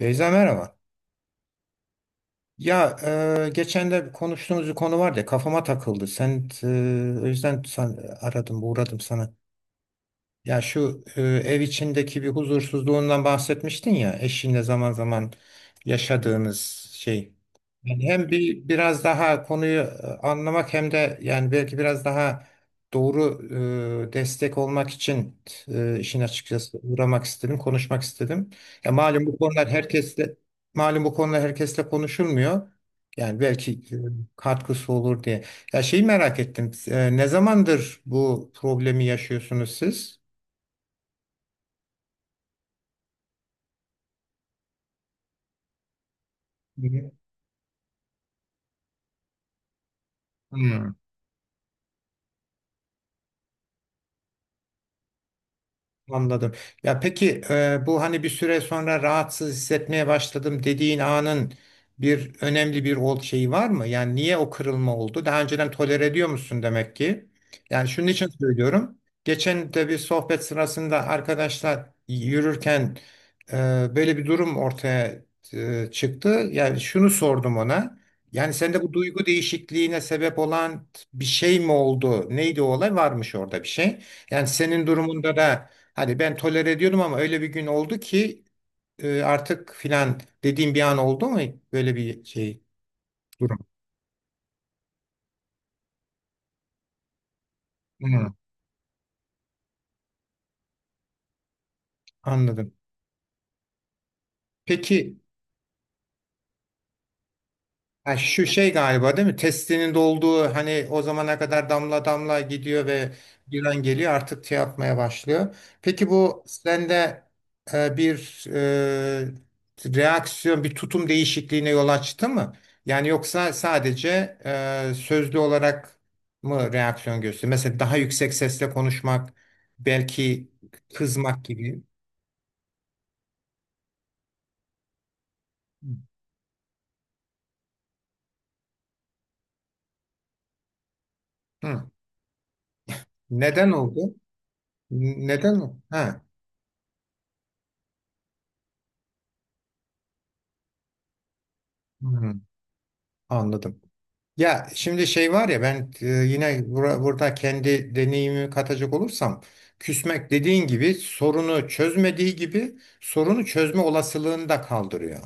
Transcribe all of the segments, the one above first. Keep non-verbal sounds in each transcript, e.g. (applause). Beyza, merhaba. Ya geçen de konuştuğumuz bir konu vardı ya, kafama takıldı. O yüzden aradım, uğradım sana. Ya şu ev içindeki bir huzursuzluğundan bahsetmiştin ya, eşinle zaman zaman yaşadığınız şey. Yani hem bir biraz daha konuyu anlamak hem de yani belki biraz daha doğru destek olmak için işin açıkçası uğramak istedim, konuşmak istedim. Ya malum, bu konular herkesle malum bu konular herkesle konuşulmuyor. Yani belki katkısı olur diye. Ya şeyi merak ettim. Ne zamandır bu problemi yaşıyorsunuz siz? Hı hı. Anladım. Ya peki, bu hani bir süre sonra rahatsız hissetmeye başladım dediğin anın önemli bir şeyi var mı? Yani niye o kırılma oldu? Daha önceden tolere ediyor musun demek ki? Yani şunun için söylüyorum. Geçen de bir sohbet sırasında arkadaşlar yürürken e, böyle bir durum ortaya çıktı. Yani şunu sordum ona. Yani sende bu duygu değişikliğine sebep olan bir şey mi oldu? Neydi o olay? Varmış orada bir şey. Yani senin durumunda da hani ben tolere ediyordum ama öyle bir gün oldu ki artık filan dediğim bir an oldu mu, böyle bir durum? Hı, anladım. Peki. Ha, şu şey galiba, değil mi? Testinin dolduğu, hani o zamana kadar damla damla gidiyor ve giren geliyor artık şey yapmaya başlıyor. Peki bu sende bir reaksiyon, bir tutum değişikliğine yol açtı mı? Yani yoksa sadece sözlü olarak mı reaksiyon gösteriyor? Mesela daha yüksek sesle konuşmak, belki kızmak gibi. Hı. Neden oldu? Neden? Ha. Hı, anladım. Ya şimdi, şey var ya, ben yine burada kendi deneyimi katacak olursam, küsmek dediğin gibi sorunu çözmediği gibi sorunu çözme olasılığını da kaldırıyor.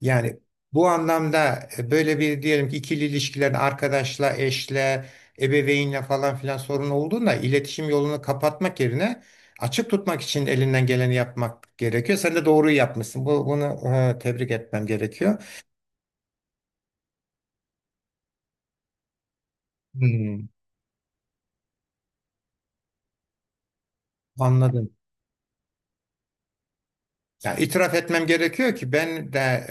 Yani bu anlamda böyle bir, diyelim ki ikili ilişkilerin arkadaşla, eşle, ebeveynle falan filan sorun olduğunda iletişim yolunu kapatmak yerine açık tutmak için elinden geleni yapmak gerekiyor. Sen de doğruyu yapmışsın. Bunu tebrik etmem gerekiyor. Hmm, anladım. Yani itiraf etmem gerekiyor ki ben de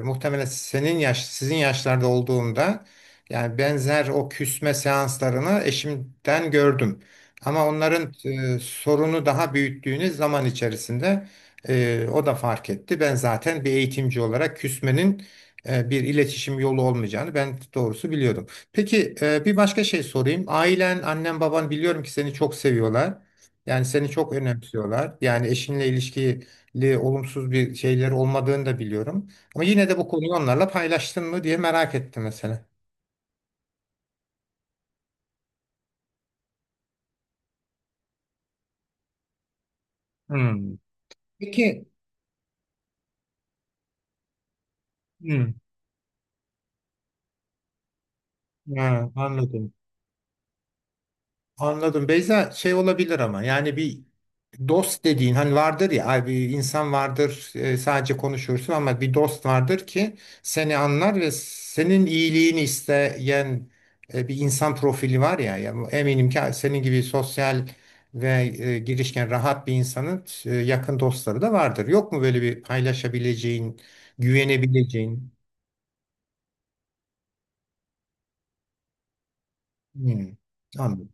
muhtemelen sizin yaşlarda olduğumda yani benzer o küsme seanslarını eşimden gördüm. Ama onların sorunu daha büyüttüğünüz zaman içerisinde o da fark etti. Ben zaten bir eğitimci olarak küsmenin bir iletişim yolu olmayacağını, ben doğrusu biliyordum. Peki, bir başka şey sorayım. Ailen, annen, baban, biliyorum ki seni çok seviyorlar. Yani seni çok önemsiyorlar. Yani eşinle ilişkiyi olumsuz bir şeyleri olmadığını da biliyorum. Ama yine de bu konuyu onlarla paylaştın mı diye merak ettim mesela. Hmm. Peki. Hmm. Ha, anladım. Anladım. Beyza, şey olabilir ama yani bir dost dediğin hani vardır ya, ay, bir insan vardır sadece konuşursun ama bir dost vardır ki seni anlar ve senin iyiliğini isteyen bir insan profili var ya, ya eminim ki senin gibi sosyal ve girişken, rahat bir insanın yakın dostları da vardır. Yok mu böyle bir paylaşabileceğin, güvenebileceğin? Hmm, anladım.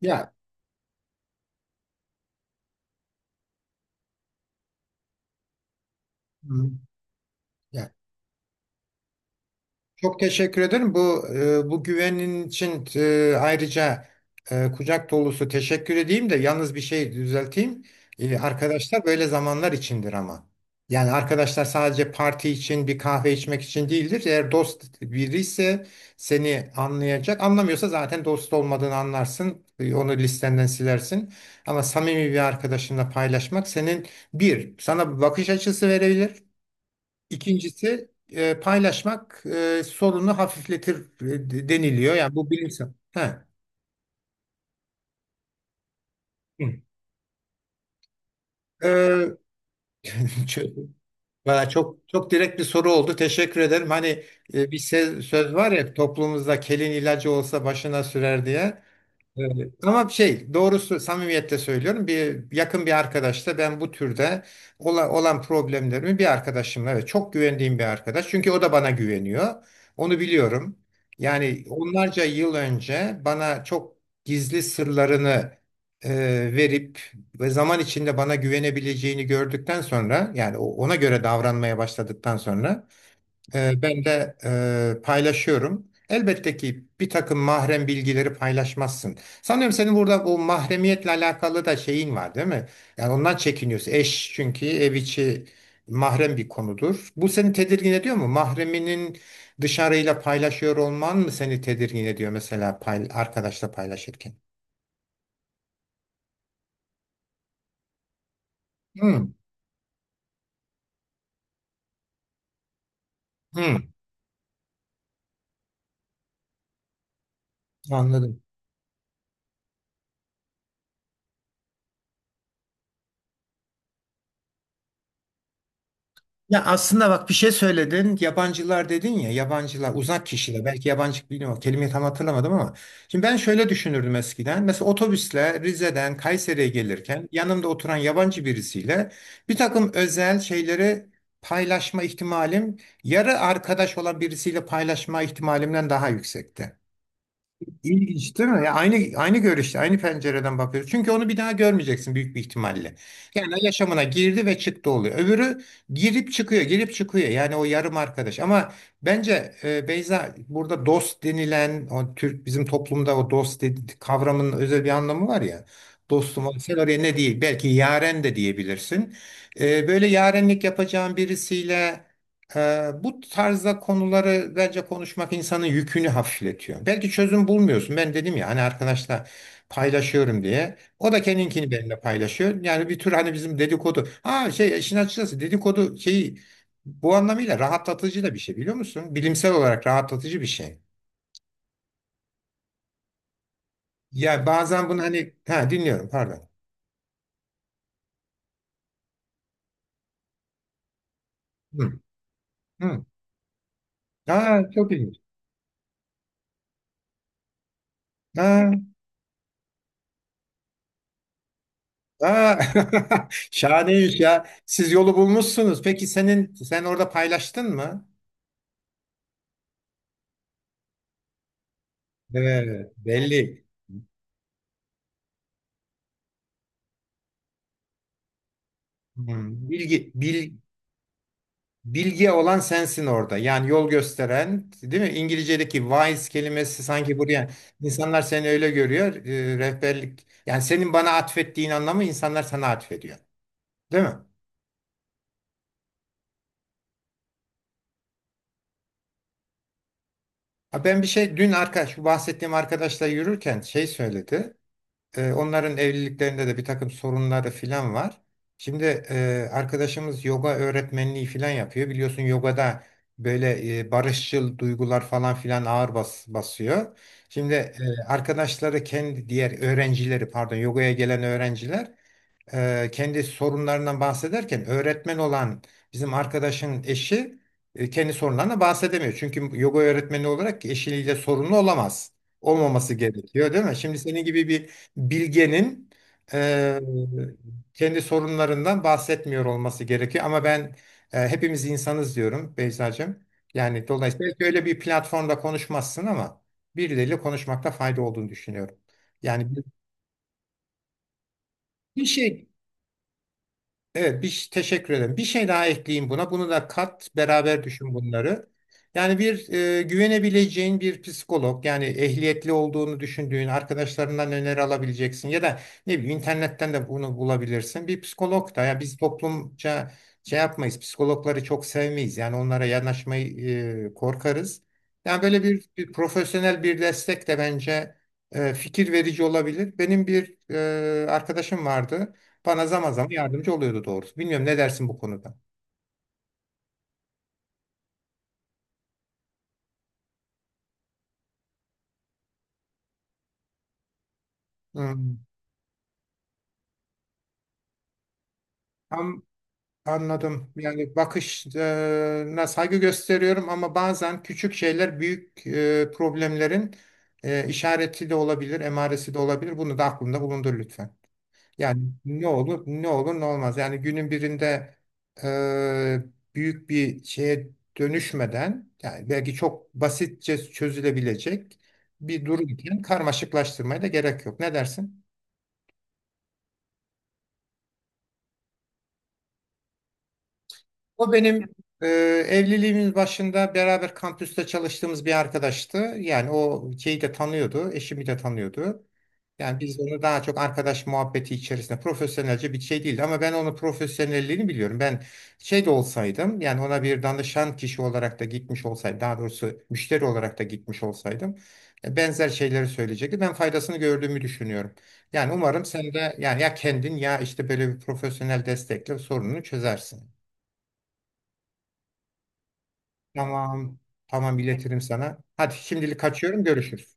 Ya, hmm, ya, çok teşekkür ederim. Bu güvenin için ayrıca kucak dolusu teşekkür edeyim de yalnız bir şey düzelteyim. Arkadaşlar böyle zamanlar içindir ama. Yani arkadaşlar sadece parti için, bir kahve içmek için değildir. Eğer dost biri ise seni anlayacak. Anlamıyorsa zaten dost olmadığını anlarsın. Onu listenden silersin. Ama samimi bir arkadaşınla paylaşmak senin bir sana bir bakış açısı verebilir. İkincisi, paylaşmak sorunu hafifletir deniliyor. Yani bu bilimsel. Ha. Hı. Ee, (laughs) çok, valla çok çok direkt bir soru oldu. Teşekkür ederim. Hani bir söz var ya toplumumuzda: kelin ilacı olsa başına sürer diye. Evet. Ama şey, doğrusu samimiyetle söylüyorum, bir yakın bir arkadaşla ben bu türde olan problemlerimi, bir arkadaşımla evet, çok güvendiğim bir arkadaş çünkü o da bana güveniyor, onu biliyorum, yani onlarca yıl önce bana çok gizli sırlarını e, verip ve zaman içinde bana güvenebileceğini gördükten sonra, yani ona göre davranmaya başladıktan sonra ben de paylaşıyorum. Elbette ki bir takım mahrem bilgileri paylaşmazsın. Sanıyorum senin burada bu mahremiyetle alakalı da şeyin var, değil mi? Yani ondan çekiniyorsun. Eş, çünkü ev içi mahrem bir konudur. Bu seni tedirgin ediyor mu? Mahreminin dışarıyla paylaşıyor olman mı seni tedirgin ediyor mesela, arkadaşla paylaşırken? Hmm, hmm, anladım. Ya aslında bak, bir şey söyledin. Yabancılar dedin ya, yabancılar, uzak kişiler, belki yabancı, bilmiyorum kelimeyi tam hatırlamadım ama şimdi ben şöyle düşünürdüm eskiden. Mesela otobüsle Rize'den Kayseri'ye gelirken yanımda oturan yabancı birisiyle bir takım özel şeyleri paylaşma ihtimalim, yarı arkadaş olan birisiyle paylaşma ihtimalimden daha yüksekti. İlginç değil mi? Ya aynı görüşte, aynı pencereden bakıyoruz. Çünkü onu bir daha görmeyeceksin büyük bir ihtimalle. Yani yaşamına girdi ve çıktı oluyor. Öbürü girip çıkıyor, girip çıkıyor. Yani o yarım arkadaş. Ama bence Beyza, burada dost denilen, o bizim toplumda o dost kavramının özel bir anlamı var ya. Dostum ol, sen oraya, ne değil, belki yaren de diyebilirsin. Böyle yarenlik yapacağın birisiyle bu tarzda konuları bence konuşmak insanın yükünü hafifletiyor. Belki çözüm bulmuyorsun. Ben dedim ya, hani arkadaşla paylaşıyorum diye. O da kendinkini benimle paylaşıyor. Yani bir tür hani bizim dedikodu. Ha, şey, işin açıkçası dedikodu şeyi bu anlamıyla rahatlatıcı da bir şey, biliyor musun? Bilimsel olarak rahatlatıcı bir şey. Ya bazen bunu hani, ha, dinliyorum, pardon. Hı, hı. Ha, çok ilginç. Ha, ha. (laughs) Şahane iş ya. Siz yolu bulmuşsunuz. Peki sen orada paylaştın mı? Evet, belli. Hmm, bilgi olan sensin orada. Yani yol gösteren, değil mi? İngilizce'deki wise kelimesi sanki buraya, insanlar seni öyle görüyor. Rehberlik. Yani senin bana atfettiğin anlamı insanlar sana atfediyor. Değil mi? Ha. Ben bir şey dün arkadaş, şu bahsettiğim arkadaşla yürürken şey söyledi. Onların evliliklerinde de bir takım sorunları filan var. Şimdi arkadaşımız yoga öğretmenliği filan yapıyor. Biliyorsun yogada böyle barışçıl duygular falan filan ağır basıyor. Şimdi arkadaşları, kendi diğer öğrencileri, pardon, yogaya gelen öğrenciler kendi sorunlarından bahsederken, öğretmen olan bizim arkadaşın eşi kendi sorunlarına bahsedemiyor. Çünkü yoga öğretmeni olarak eşiyle sorunlu olamaz. Olmaması gerekiyor, değil mi? Şimdi senin gibi bir bilgenin e, kendi sorunlarından bahsetmiyor olması gerekiyor. Ama ben hepimiz insanız diyorum Beyza'cığım. Yani dolayısıyla öyle bir platformda konuşmazsın ama birileriyle konuşmakta fayda olduğunu düşünüyorum. Yani bir bir şey Evet, teşekkür ederim. Bir şey daha ekleyeyim buna. Bunu da kat, beraber düşün bunları. Yani bir güvenebileceğin bir psikolog, yani ehliyetli olduğunu düşündüğün arkadaşlarından öneri alabileceksin ya da ne bileyim, internetten de bunu bulabilirsin. Bir psikolog da, ya biz toplumca şey yapmayız, psikologları çok sevmeyiz. Yani onlara yanaşmayı korkarız. Yani böyle bir, profesyonel bir destek de bence fikir verici olabilir. Benim bir arkadaşım vardı. Bana zaman zaman yardımcı oluyordu doğrusu. Bilmiyorum, ne dersin bu konuda? Hmm. Tam anladım. Yani bakışına saygı gösteriyorum ama bazen küçük şeyler büyük problemlerin işareti de olabilir, emaresi de olabilir. Bunu da aklında bulundur lütfen. Yani ne olur, ne olur ne olmaz. Yani günün birinde e, büyük bir şeye dönüşmeden, yani belki çok basitçe çözülebilecek bir durum için karmaşıklaştırmaya da gerek yok. Ne dersin? O benim e, evliliğimin başında beraber kampüste çalıştığımız bir arkadaştı. Yani o şeyi de tanıyordu, eşimi de tanıyordu. Yani biz onu daha çok arkadaş muhabbeti içerisinde, profesyonelce bir şey değildi, ama ben onun profesyonelliğini biliyorum. Ben şey de olsaydım, yani ona bir danışan kişi olarak da gitmiş olsaydım, daha doğrusu müşteri olarak da gitmiş olsaydım benzer şeyleri söyleyecekti. Ben faydasını gördüğümü düşünüyorum. Yani umarım sen de yani ya kendin ya işte böyle bir profesyonel destekle sorununu çözersin. Tamam. Tamam, iletirim sana. Hadi şimdilik kaçıyorum. Görüşürüz.